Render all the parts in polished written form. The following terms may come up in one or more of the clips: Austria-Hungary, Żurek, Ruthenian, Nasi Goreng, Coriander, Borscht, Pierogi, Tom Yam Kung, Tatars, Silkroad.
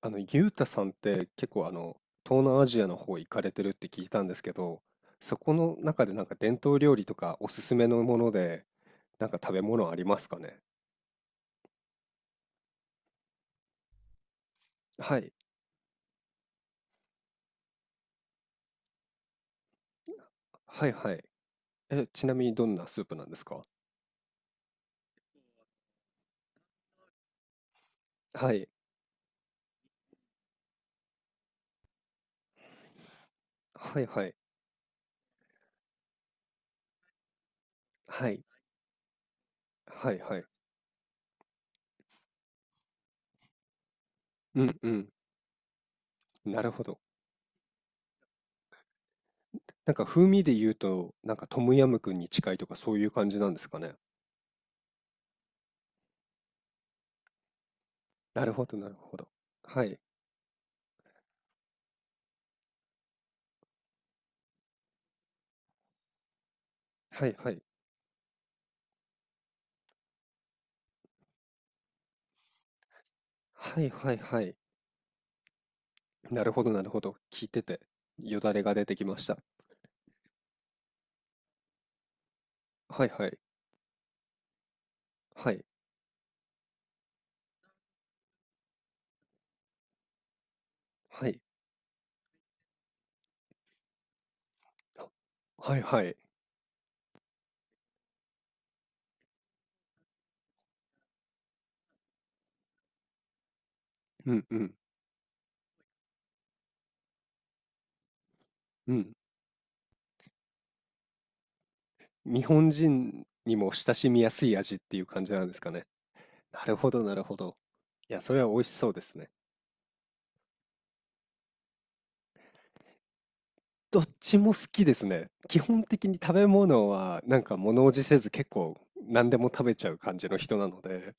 ゆうたさんって結構東南アジアの方行かれてるって聞いたんですけど、そこの中でなんか伝統料理とかおすすめのもので、なんか食べ物ありますかね？はい、はいはい。え、ちなみにどんなスープなんですか？はい、はいはい、はい、はいはい。うんうん、なるほど。なんか風味で言うと、なんかトムヤムクンに近いとかそういう感じなんですかね？なるほど、なるほど。はい、はいはい。はいはいはい。なるほどなるほど。聞いてて、よだれが出てきました。はいはい。はい。はい。あ、はいはい。うんうん。うん。日本人にも親しみやすい味っていう感じなんですかね。なるほどなるほど。いや、それは美味しそうですね。どっちも好きですね。基本的に食べ物はなんか物おじせず結構何でも食べちゃう感じの人なので、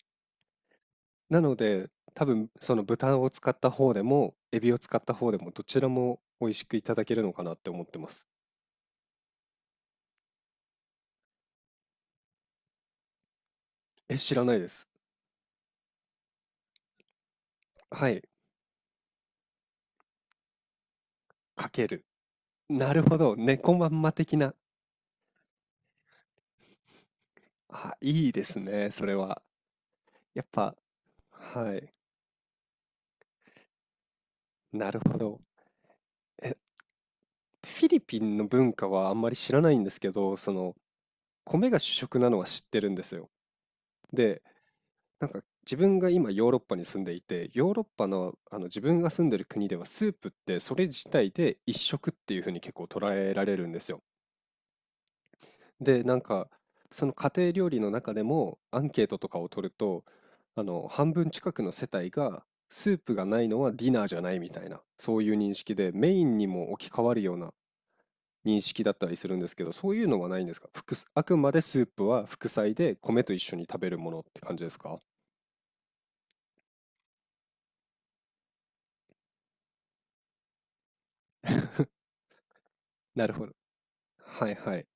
なので多分その豚を使った方でもエビを使った方でもどちらも美味しくいただけるのかなって思ってます。え、知らないです。はい、かける。なるほど、猫まんま的な。あ、いいですね、それは。やっぱ、はい、なるほど。え、フィリピンの文化はあんまり知らないんですけど、その、米が主食なのは知ってるんですよ。で、なんか自分が今ヨーロッパに住んでいて、ヨーロッパの、自分が住んでる国ではスープってそれ自体で一食っていうふうに結構捉えられるんですよ。で、なんか、その家庭料理の中でもアンケートとかを取ると、半分近くの世帯が、スープがないのはディナーじゃないみたいな、そういう認識で、メインにも置き換わるような認識だったりするんですけど、そういうのはないんですか？あくまでスープは副菜で米と一緒に食べるものって感じですか？なるほど。はいはい。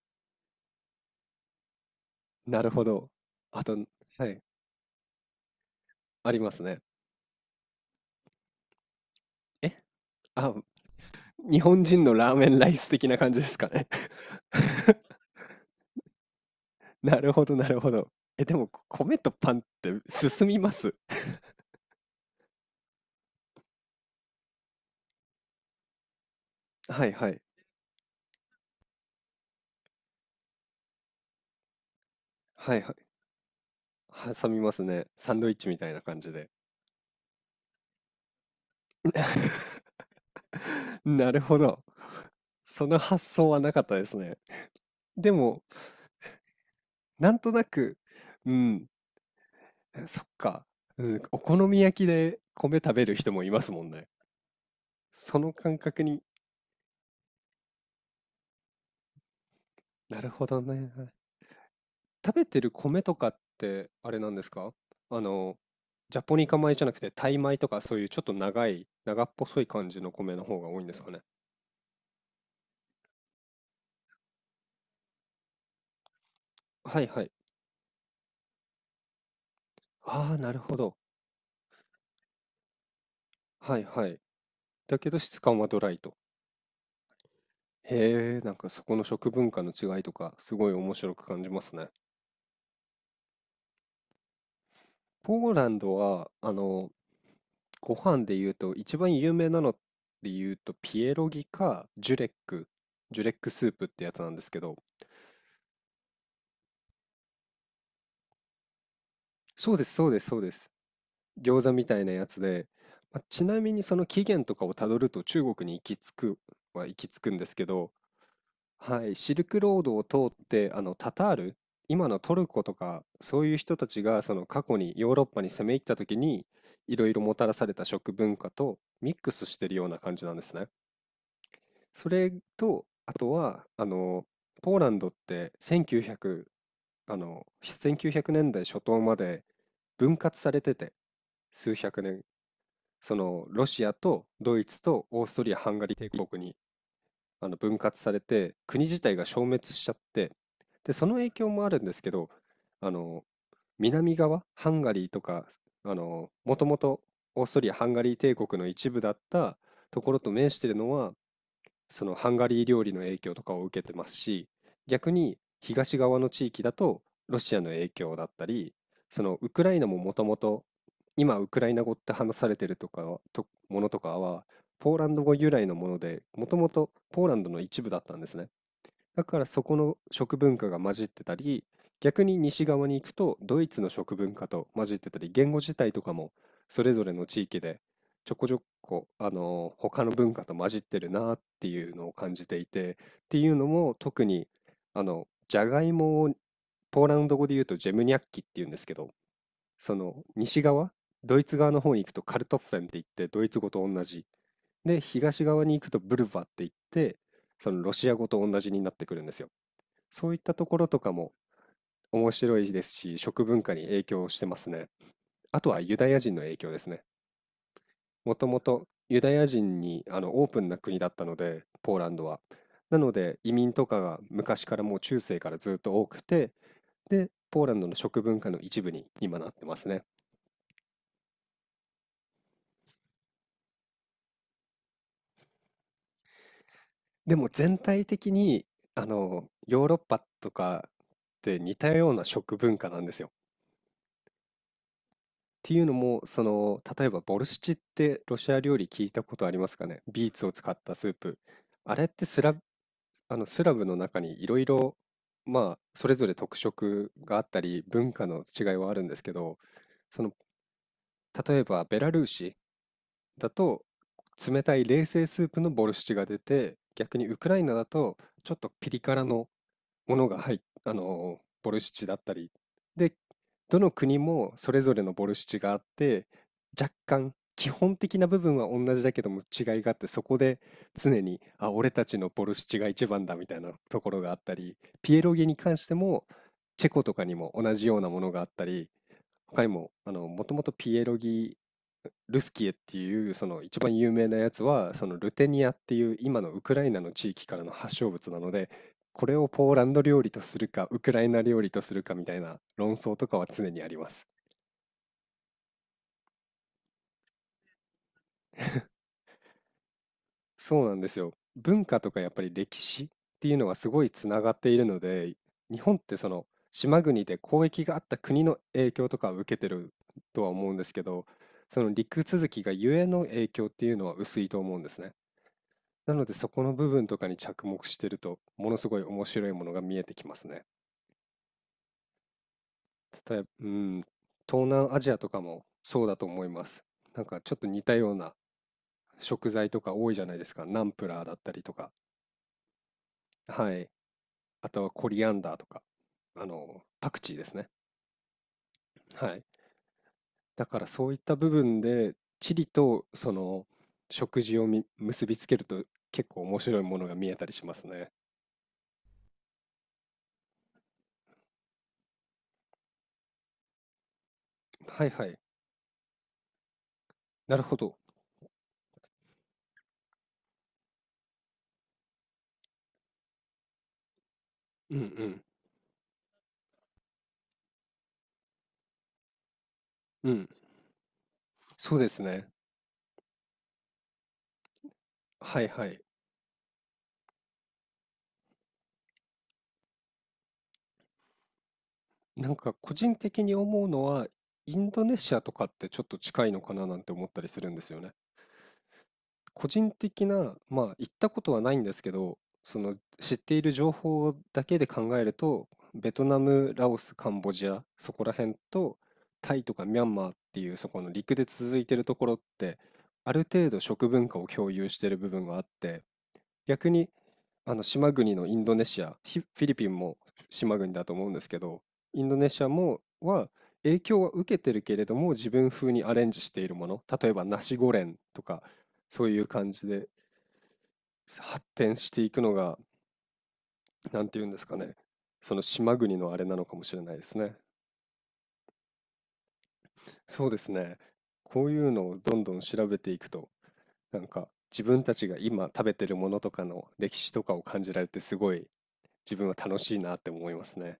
なるほど。あと、はい。ありますね。えあ、日本人のラーメンライス的な感じですかね。なるほど、なるほど。え、でも、こ米とパンって進みます？はいはい。はいはい。挟みますね。サンドイッチみたいな感じで。なるほど。その発想はなかったですね。でも、なんとなく、うん、そっか、うん、お好み焼きで米食べる人もいますもんね。その感覚に、なるほどね。食べてる米とかって、あれなんですか？あの、ジャポニカ米じゃなくて、タイ米とか、そういうちょっと長い、長っぽそい感じの米の方が多いんですかね。はいはい。ああ、なるほど。はいはい。だけど質感はドライと。へえ、なんかそこの食文化の違いとか、すごい面白く感じますね。ポーランドは、ご飯で言うと、一番有名なので言うと、ピエロギか、ジュレック、ジュレックスープってやつなんですけど、そうです、そうです、そうです。餃子みたいなやつで、ま、ちなみにその起源とかをたどると中国に行き着くは行き着くんですけど、はい、シルクロードを通って、タタール、今のトルコとか、そういう人たちがその過去にヨーロッパに攻め入った時に、いろいろもたらされた食文化とミックスしてるような感じなんですね。それと、あとは、ポーランドって1900、あの、1900年代初頭まで分割されてて、数百年、そのロシアとドイツとオーストリア・ハンガリー帝国に分割されて、国自体が消滅しちゃって、でその影響もあるんですけど、あの南側ハンガリーとか、もともとオーストリア・ハンガリー帝国の一部だったところと面しているのは、そのハンガリー料理の影響とかを受けてますし、逆に東側の地域だとロシアの影響だったり、そのウクライナももともと、今ウクライナ語って話されてるとかはとものとかは、ポーランド語由来のもので、もともとポーランドの一部だったんですね。だからそこの食文化が混じってたり、逆に西側に行くとドイツの食文化と混じってたり、言語自体とかもそれぞれの地域でちょこちょこ、他の文化と混じってるなっていうのを感じていて、っていうのも特にじゃがいもをポーランド語で言うとジェムニャッキっていうんですけど、その西側、ドイツ側の方に行くとカルトッフェンって言ってドイツ語と同じ。で、東側に行くとブルヴァって言って、そのロシア語と同じになってくるんですよ。そういったところとかも面白いですし、食文化に影響してますね。あとはユダヤ人の影響ですね。もともとユダヤ人にオープンな国だったので、ポーランドは。なので移民とかが昔からもう中世からずっと多くて、で、ポーランドの食文化の一部に今なってますね。でも全体的にヨーロッパとかって似たような食文化なんですよ。っていうのも、その、例えばボルシチってロシア料理聞いたことありますかね？ビーツを使ったスープ。あれってスラブ、スラブの中にいろいろ、まあ、それぞれ特色があったり、文化の違いはあるんですけど、その、例えばベラルーシだと、冷たい冷製スープのボルシチが出て、逆にウクライナだと、ちょっとピリ辛のものが入っあのボルシチだったり、でどの国もそれぞれのボルシチがあって、若干基本的な部分は同じだけども違いがあって、そこで常に「あ、俺たちのボルシチが一番だ」みたいなところがあったり、ピエロギに関してもチェコとかにも同じようなものがあったり、他にも、もともとピエロギ、ルスキエっていうその一番有名なやつは、そのルテニアっていう今のウクライナの地域からの発祥物なので、これをポーランド料理とするか、ウクライナ料理とするかみたいな論争とかは常にあります。そうなんですよ。文化とかやっぱり歴史っていうのがすごいつながっているので、日本ってその島国で交易があった国の影響とかを受けてるとは思うんですけど、その陸続きがゆえの影響っていうのは薄いと思うんですね。なのでそこの部分とかに着目してるとものすごい面白いものが見えてきますね。例えば、うん、東南アジアとかもそうだと思います。なんかちょっと似たような食材とか多いじゃないですか。ナンプラーだったりとか。はい。あとはコリアンダーとか。パクチーですね。はい。だからそういった部分で地理とその食事を結びつけると結構面白いものが見えたりしますね。はいはい。なるほど。うんうん。うん。そうですね。はいはい。なんか個人的に思うのは、インドネシアとかってちょっと近いのかななんて思ったりするんですよね。個人的な、まあ行ったことはないんですけど、その知っている情報だけで考えると、ベトナム、ラオス、カンボジア、そこら辺と、タイとかミャンマーっていうそこの陸で続いてるところって、ある程度食文化を共有してる部分があって、逆に島国のインドネシア、フィリピンも島国だと思うんですけど、インドネシアもは影響は受けてるけれども、自分風にアレンジしているもの、例えばナシゴレンとか、そういう感じで発展していくのが、なんていうんですかね、その島国のあれなのかもしれないですね。そうですね。こういうのをどんどん調べていくと、なんか自分たちが今食べてるものとかの歴史とかを感じられて、すごい自分は楽しいなって思いますね。